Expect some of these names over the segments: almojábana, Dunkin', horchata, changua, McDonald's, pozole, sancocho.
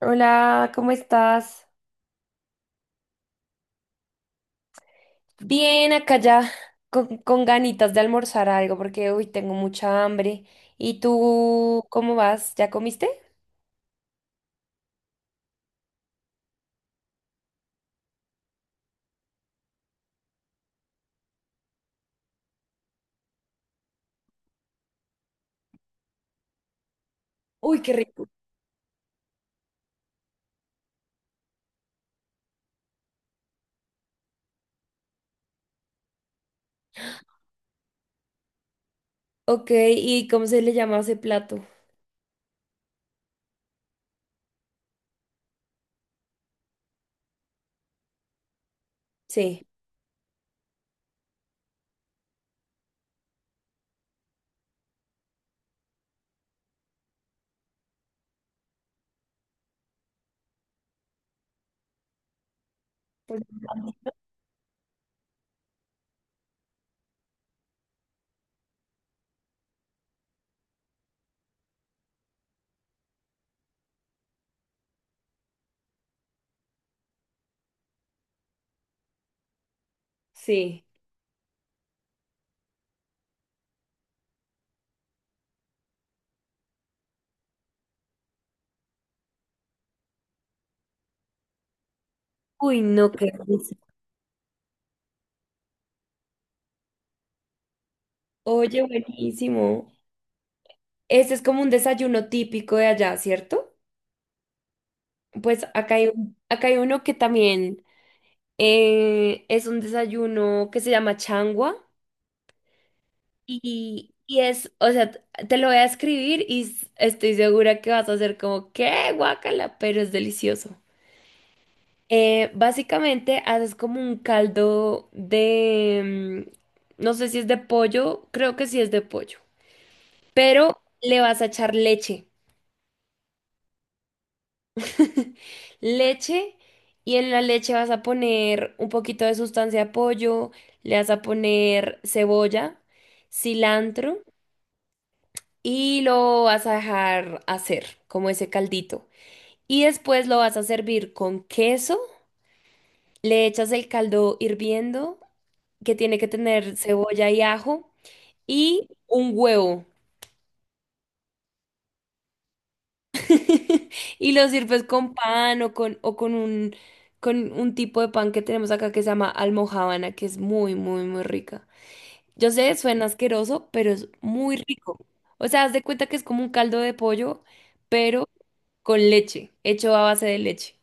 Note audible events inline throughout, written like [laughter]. Hola, ¿cómo estás? Bien, acá ya con ganitas de almorzar algo porque hoy tengo mucha hambre. ¿Y tú cómo vas? ¿Ya comiste? Uy, qué rico. Ok, ¿y cómo se le llama ese plato? Sí. Pues- Sí. Uy, no, qué rico. Oye, buenísimo. Este es como un desayuno típico de allá, ¿cierto? Pues acá hay, un- acá hay uno que también es un desayuno que se llama changua. Y es, o sea, te lo voy a escribir y s- estoy segura que vas a hacer como, ¿qué? Guácala, pero es delicioso. Básicamente haces como un caldo de, no sé si es de pollo, creo que sí es de pollo, pero le vas a echar leche. [laughs] Leche y en la leche vas a poner un poquito de sustancia de pollo, le vas a poner cebolla, cilantro. Y lo vas a dejar hacer como ese caldito. Y después lo vas a servir con queso, le echas el caldo hirviendo, que tiene que tener cebolla y ajo, y un huevo. [laughs] Y lo sirves con pan o con un tipo de pan que tenemos acá que se llama almojábana, que es muy, muy, muy rica. Yo sé, suena asqueroso, pero es muy rico. O sea, haz de cuenta que es como un caldo de pollo, pero con leche, hecho a base de leche.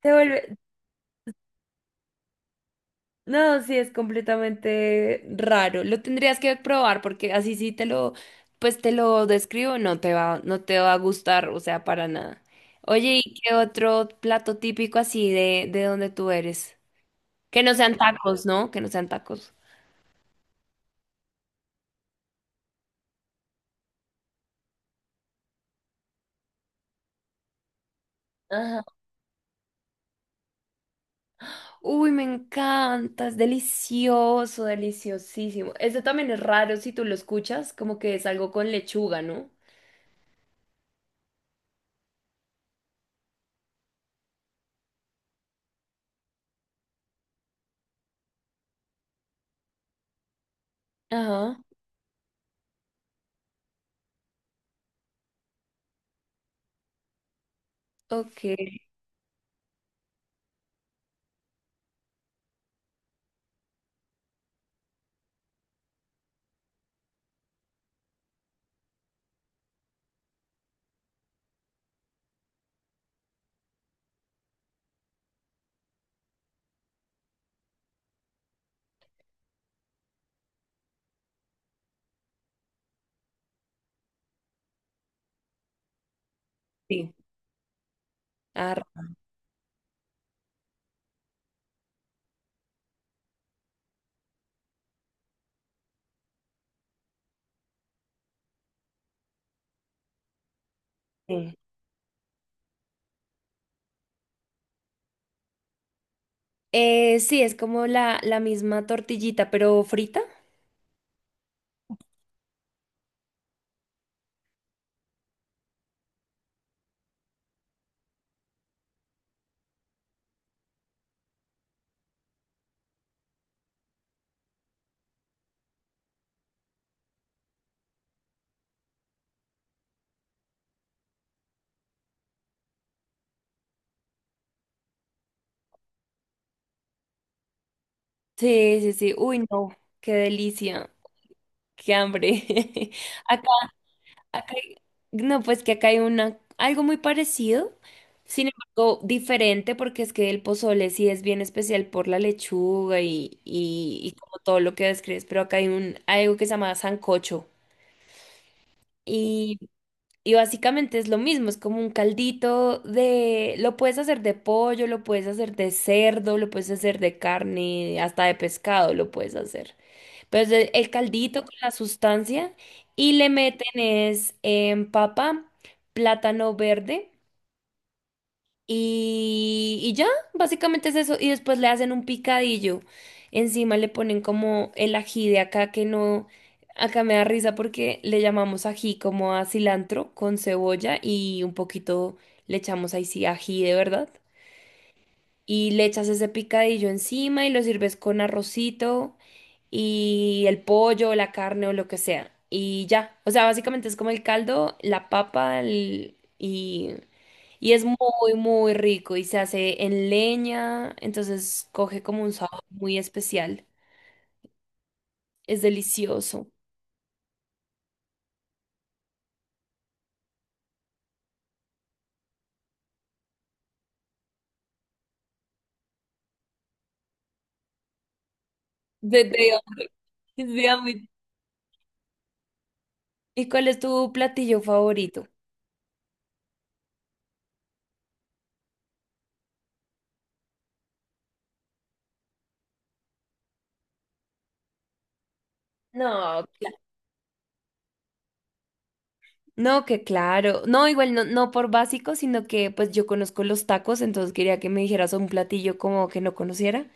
Te vuelve... No, sí, es completamente raro. Lo tendrías que probar porque así sí te lo, pues te lo describo, no te va, no te va a gustar, o sea, para nada. Oye, ¿y qué otro plato típico así de donde tú eres? Que no sean tacos, ¿no? Que no sean tacos. Ajá. Uy, me encanta, es delicioso, deliciosísimo. Este también es raro si tú lo escuchas, como que es algo con lechuga, ¿no? Ajá, ok, sí. Ah, sí. Sí, es como la misma tortillita, pero frita. Sí, sí, sí. Uy, no, qué delicia, qué hambre. [laughs] Acá, acá hay- no, pues que acá hay una, algo muy parecido, sin embargo, diferente, porque es que el pozole sí es bien especial por la lechuga y como todo lo que describes, pero acá hay un, algo que se llama sancocho. Y básicamente es lo mismo, es como un caldito de... Lo puedes hacer de pollo, lo puedes hacer de cerdo, lo puedes hacer de carne, hasta de pescado lo puedes hacer. Pero es el caldito con la sustancia y le meten es papa, plátano verde. Y ya, básicamente es eso. Y después le hacen un picadillo. Encima le ponen como el ají de acá que no. Acá me da risa porque le llamamos ají como a cilantro con cebolla y un poquito le echamos ahí sí ají de verdad. Y le echas ese picadillo encima y lo sirves con arrocito y el pollo, la carne o lo que sea. Y ya. O sea, básicamente es como el caldo, la papa el- y es muy, muy rico y se hace en leña, entonces coge como un sabor muy especial. Es delicioso. De hambre. [laughs] Es de hambre. ¿Y cuál es tu platillo favorito? No, ok. No, que claro. No, igual no, no por básico, sino que pues yo conozco los tacos, entonces quería que me dijeras un platillo como que no conociera.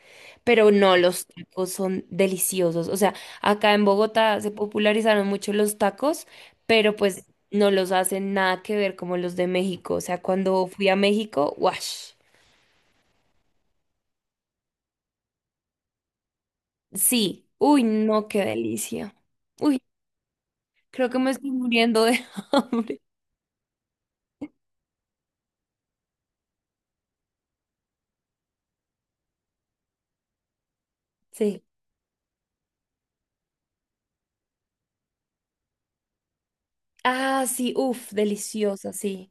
Pero no, los tacos son deliciosos. O sea, acá en Bogotá se popularizaron mucho los tacos, pero pues no los hacen nada que ver como los de México. O sea, cuando fui a México, ¡wash! Sí. Uy, no, qué delicia. Uy, creo que me estoy muriendo de [laughs] hambre. Sí. Ah, sí, uf, deliciosa, sí.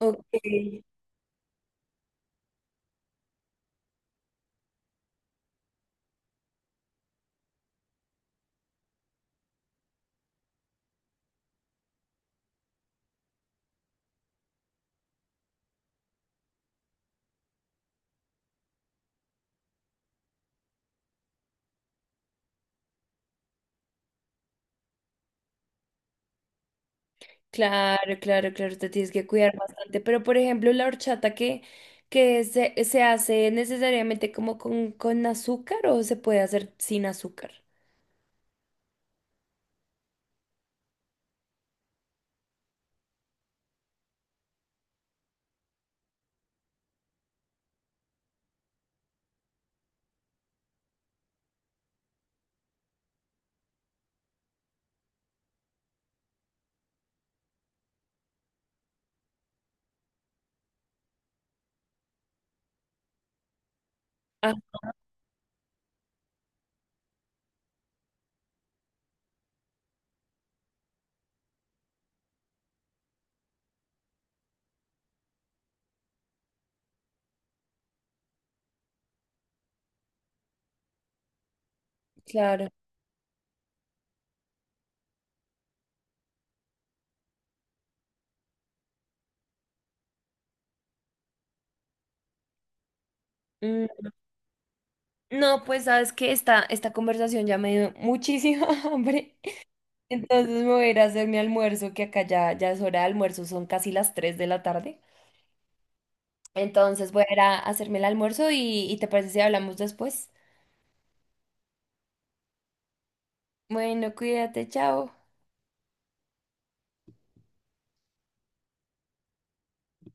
Ok. Claro, claro, claro, te tienes que cuidar bastante. Pero, por ejemplo, la horchata que se hace necesariamente como con azúcar o se puede hacer sin azúcar. Ah, claro. Mm, no, pues sabes que esta conversación ya me dio muchísima [laughs] hambre. Entonces me voy a ir a hacer mi almuerzo, que acá ya, ya es hora de almuerzo, son casi las 3 de la tarde. Entonces voy a ir a hacerme el almuerzo y te parece si hablamos después. Bueno, cuídate, chao.